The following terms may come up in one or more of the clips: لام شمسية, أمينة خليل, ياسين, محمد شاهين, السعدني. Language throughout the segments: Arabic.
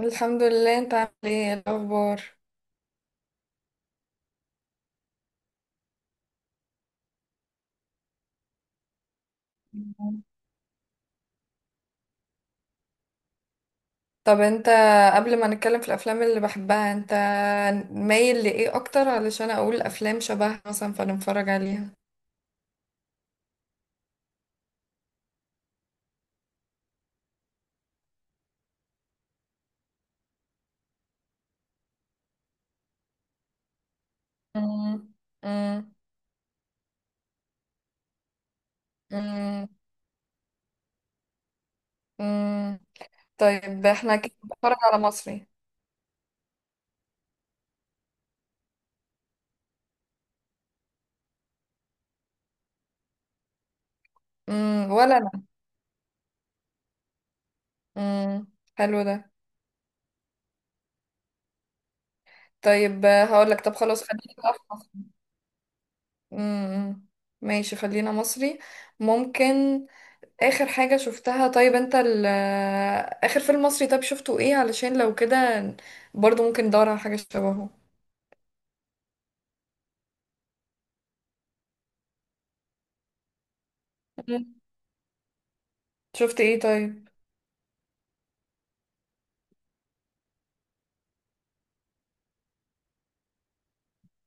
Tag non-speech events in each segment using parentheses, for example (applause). الحمد لله. انت عامل ايه؟ ايه الاخبار؟ طب انت قبل ما نتكلم في الافلام اللي بحبها، انت مايل لايه اكتر علشان اقول افلام شبهها مثلا فنتفرج عليها؟ مم، مم، مم، مم. طيب احنا كده بنتفرج على مصري. ولا انا. مم، حلو ده. طيب هقول لك، طب خلاص خلينا بقى في مصري. مم، مم. ماشي، خلينا مصري. ممكن اخر حاجة شفتها؟ طيب انت اخر فيلم مصري طيب شفته ايه؟ علشان لو كده برضو ممكن ندور على حاجة شبهه. مم. شفت ايه طيب؟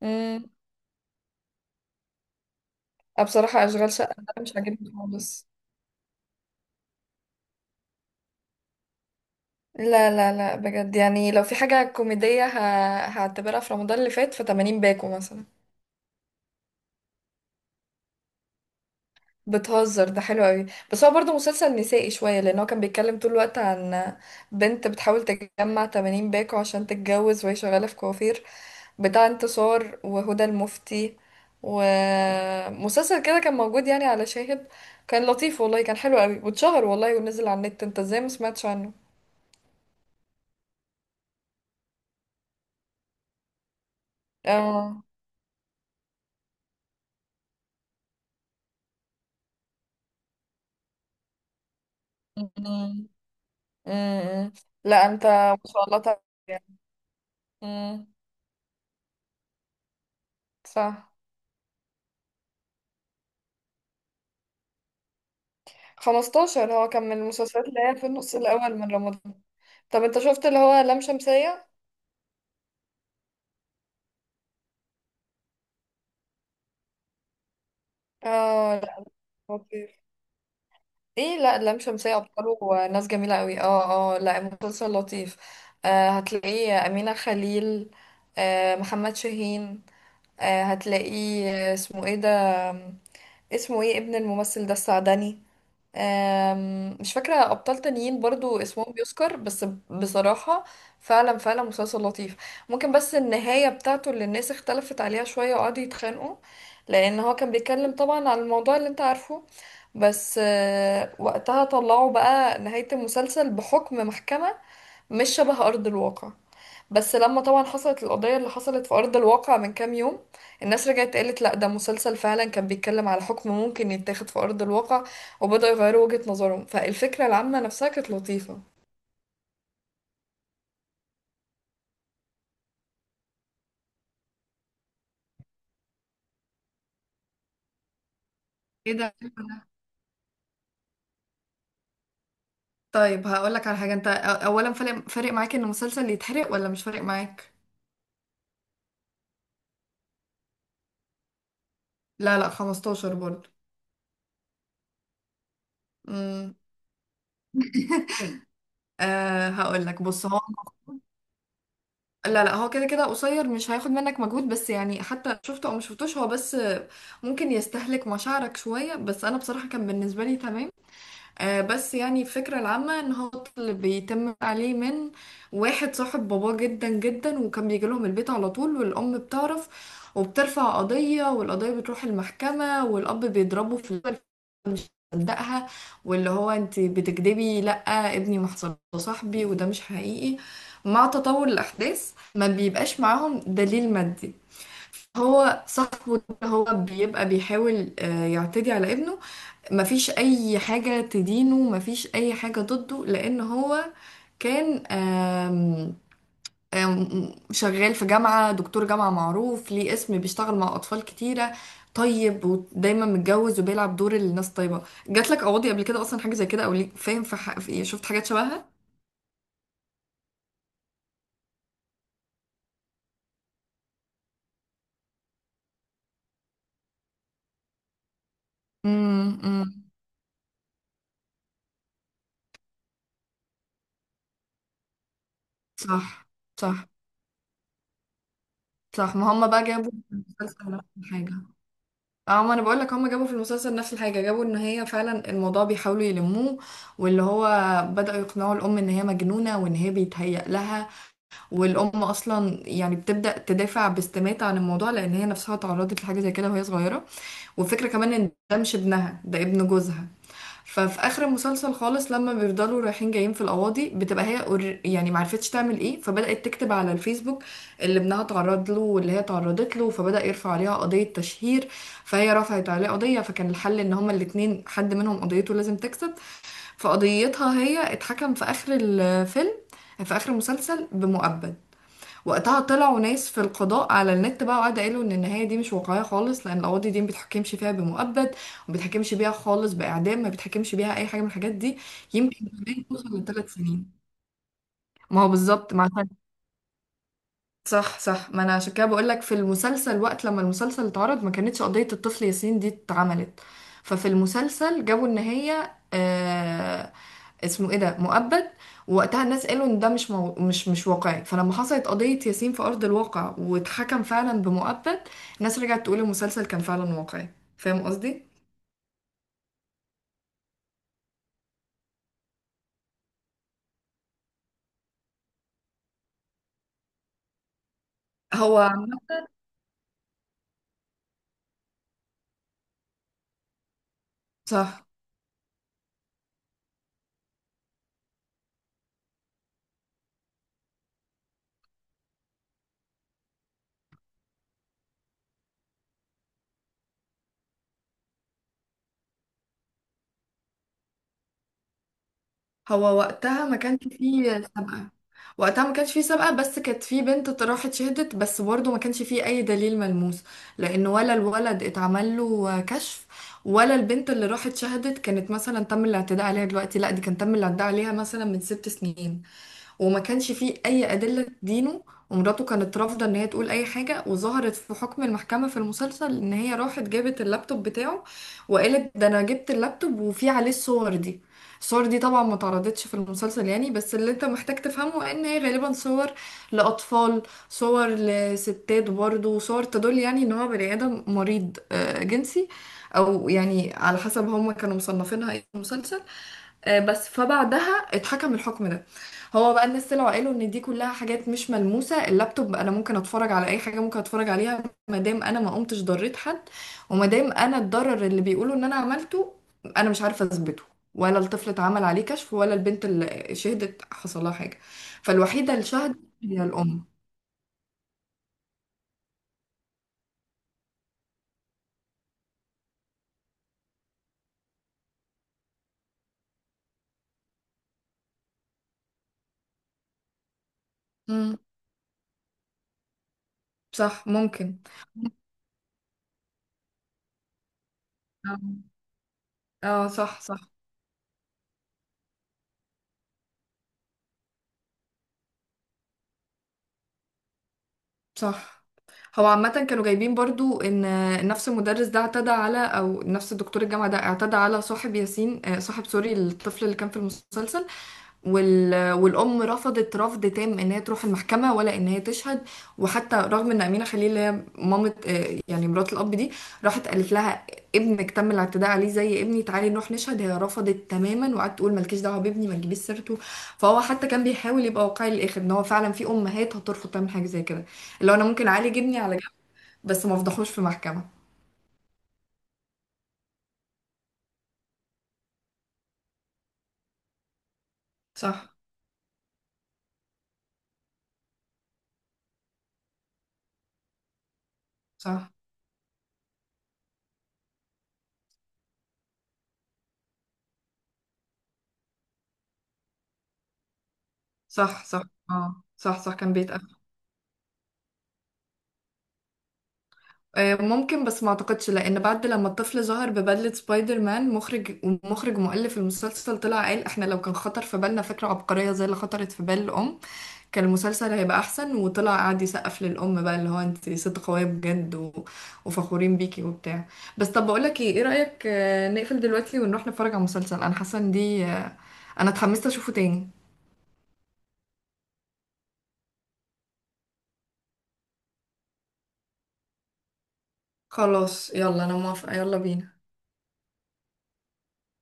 امم بصراحة اشغال شقة ده مش عاجبني خالص. لا لا لا، بجد يعني لو في حاجة كوميدية هعتبرها في رمضان اللي فات فتمانين باكو مثلا. بتهزر، ده حلو قوي. بس هو برضه مسلسل نسائي شوية، لأن هو كان بيتكلم طول الوقت عن بنت بتحاول تجمع 80 باكو عشان تتجوز وهي شغالة في كوافير بتاع انتصار وهدى المفتي. ومسلسل كده كان موجود يعني على شاهد، كان لطيف والله، كان حلو قوي واتشهر والله ونزل على النت، انت ازاي ما سمعتش عنه؟ اه. أمم، أمم. لا انت ما شاء الله تعرف يعني. أمم، صح. 15 هو كان من المسلسلات اللي هي في النص الأول من رمضان. طب انت شفت اللي هو لام شمسية؟ اه لا، لطيف. ايه، لا لام شمسية أبطاله ناس جميلة قوي، اه اه لا مسلسل لطيف. آه هتلاقيه أمينة خليل، آه محمد شاهين، آه هتلاقيه آه، اسمه ايه ده، اسمه ايه ابن الممثل ده السعدني. مش فاكرة أبطال تانيين برضو اسمهم بيذكر بس. بصراحة، فعلا مسلسل لطيف. ممكن بس النهاية بتاعته اللي الناس اختلفت عليها شوية وقعدوا يتخانقوا، لأن هو كان بيتكلم طبعا على الموضوع اللي انت عارفه. بس وقتها طلعوا بقى نهاية المسلسل بحكم محكمة مش شبه أرض الواقع. بس لما طبعا حصلت القضية اللي حصلت في أرض الواقع من كام يوم، الناس رجعت قالت لأ ده مسلسل فعلا كان بيتكلم على حكم ممكن يتاخد في أرض الواقع، وبدأوا يغيروا وجهة نظرهم. فالفكرة العامة نفسها كانت لطيفة. ايه ده؟ طيب هقولك على حاجة. انت اولا فارق معاك ان مسلسل يتحرق ولا مش فارق معاك؟ لا لا، 15 برضه. امم (laughs) أه هقولك بص، هو لا لا هو كده كده قصير مش هياخد منك مجهود، بس يعني حتى شفته او مش شفتوش هو بس ممكن يستهلك مشاعرك شوية. بس انا بصراحة كان بالنسبة لي تمام. بس يعني الفكرة العامة ان هو طفل بيتم عليه من واحد صاحب باباه جدا جدا، وكان بيجي لهم البيت على طول، والام بتعرف وبترفع قضية والقضية بتروح المحكمة، والاب بيضربه في الأول، مش مصدقها، واللي هو انت بتكدبي، لا ابني ما حصلش ده صاحبي وده مش حقيقي. مع تطور الاحداث ما بيبقاش معاهم دليل مادي. هو صاحبه ده، هو بيبقى بيحاول يعتدي على ابنه. مفيش اي حاجة تدينه، مفيش اي حاجة ضده، لان هو كان آم، آم، شغال في جامعة، دكتور جامعة معروف ليه اسم، بيشتغل مع اطفال كتيرة. طيب ودايما متجوز وبيلعب دور الناس طيبة. جاتلك قواضي قبل كده اصلا حاجة زي كده؟ او ليك فاهم في إيه، شفت حاجات شبهها؟ امم امم. صح صح. صح ما هم بقى جابوا مسلسل نفس الحاجة. اه ما انا بقول لك هم جابوا في المسلسل نفس الحاجه. جابوا ان هي فعلا الموضوع بيحاولوا يلموه، واللي هو بداوا يقنعوا الام ان هي مجنونه وان هي بيتهيأ لها. والام اصلا يعني بتبدا تدافع باستماتة عن الموضوع، لان هي نفسها اتعرضت لحاجه زي كده وهي صغيره. والفكره كمان ان ده مش ابنها، ده ابن جوزها. ففي اخر المسلسل خالص، لما بيفضلوا رايحين جايين في القواضي، بتبقى هي يعني معرفتش تعمل ايه، فبدأت تكتب على الفيسبوك اللي ابنها تعرض له واللي هي تعرضت له. فبدأ يرفع عليها قضية تشهير، فهي رفعت عليه قضية، فكان الحل ان هما الاتنين حد منهم قضيته لازم تكسب. فقضيتها هي اتحكم في اخر الفيلم، في اخر المسلسل، بمؤبد. وقتها طلعوا ناس في القضاء على النت بقى، وقعدوا قالوا ان النهايه دي مش واقعيه خالص، لان القاضي دي ما بتحكمش فيها بمؤبد، وما بتحكمش بيها خالص باعدام، ما بتحكمش بيها اي حاجه من الحاجات دي. يمكن كمان توصل لثلاث سنين. ما هو بالظبط. مع صح صح. ما انا عشان كده بقول لك في المسلسل، وقت لما المسلسل اتعرض ما كانتش قضية الطفل ياسين دي اتعملت. ففي المسلسل جابوا ان هي آه، اسمه ايه ده، مؤبد. ووقتها الناس قالوا ان ده مش واقعي. فلما حصلت قضية ياسين في ارض الواقع واتحكم فعلا بمؤبد، الناس رجعت تقول المسلسل كان فعلا واقعي. فاهم قصدي؟ هو صح. هو وقتها ما كانش فيه سابقة. وقتها ما كانش فيه سابقة، بس كانت فيه بنت راحت شهدت، بس برضه ما كانش فيه أي دليل ملموس. لأن ولا الولد اتعمل له كشف، ولا البنت اللي راحت شهدت كانت مثلا تم الاعتداء عليها دلوقتي، لا دي كان تم الاعتداء عليها مثلا من 6 سنين، وما كانش فيه أي أدلة تدينه. ومراته كانت رافضة إن هي تقول أي حاجة، وظهرت في حكم المحكمة في المسلسل إن هي راحت جابت اللابتوب بتاعه، وقالت ده أنا جبت اللابتوب وفيه عليه الصور دي. الصور دي طبعا ما اتعرضتش في المسلسل يعني، بس اللي انت محتاج تفهمه ان هي غالبا صور لأطفال، صور لستات برضه، صور تدل يعني ان هو بني آدم مريض جنسي، او يعني على حسب هم كانوا مصنفينها ايه في المسلسل. بس فبعدها اتحكم الحكم ده. هو بقى الناس طلعوا قالوا ان دي كلها حاجات مش ملموسة. اللابتوب انا ممكن اتفرج على اي حاجة، ممكن اتفرج عليها ما دام انا ما قمتش ضريت حد، وما دام انا الضرر اللي بيقولوا ان انا عملته انا مش عارفة اثبته، ولا الطفل اتعمل عليه كشف، ولا البنت اللي شهدت حصل لها حاجة. فالوحيدة اللي شهدت هي الام. امم صح ممكن. اه. صح صح. صح هو عامة كانوا جايبين برضو ان نفس المدرس ده اعتدى على، او نفس دكتور الجامعة ده اعتدى على صاحب ياسين، صاحب سوري الطفل اللي كان في المسلسل. والأم رفضت رفض تام إن هي تروح المحكمة ولا إن هي تشهد. وحتى رغم إن أمينة خليل اللي هي مامة، يعني مرات الأب دي، راحت قالت لها ابنك تم الاعتداء عليه زي ابني تعالي نروح نشهد، هي رفضت تماما وقعدت تقول مالكيش دعوة بابني ما تجيبيش سيرته. فهو حتى كان بيحاول يبقى واقعي للآخر إن هو فعلا في أمهات هترفض تعمل حاجة زي كده، اللي هو أنا ممكن أعالج ابني على جنب بس ما أفضحوش في محكمة. صح صح صح. اه صح صح، كان بيتقال. ممكن، بس ما اعتقدش، لان بعد لما الطفل ظهر ببدلة سبايدر مان، مخرج مؤلف المسلسل طلع قال احنا لو كان خطر في بالنا فكرة عبقرية زي اللي خطرت في بال الام كان المسلسل هيبقى احسن. وطلع قعد يسقف للام بقى اللي هو انت ست قوية بجد وفخورين بيكي وبتاع. بس طب بقول لك ايه، ايه رأيك نقفل دلوقتي ونروح نتفرج على مسلسل؟ انا حاسة ان دي انا اتحمست اشوفه تاني. خلاص يلا انا موافقة، يلا بينا.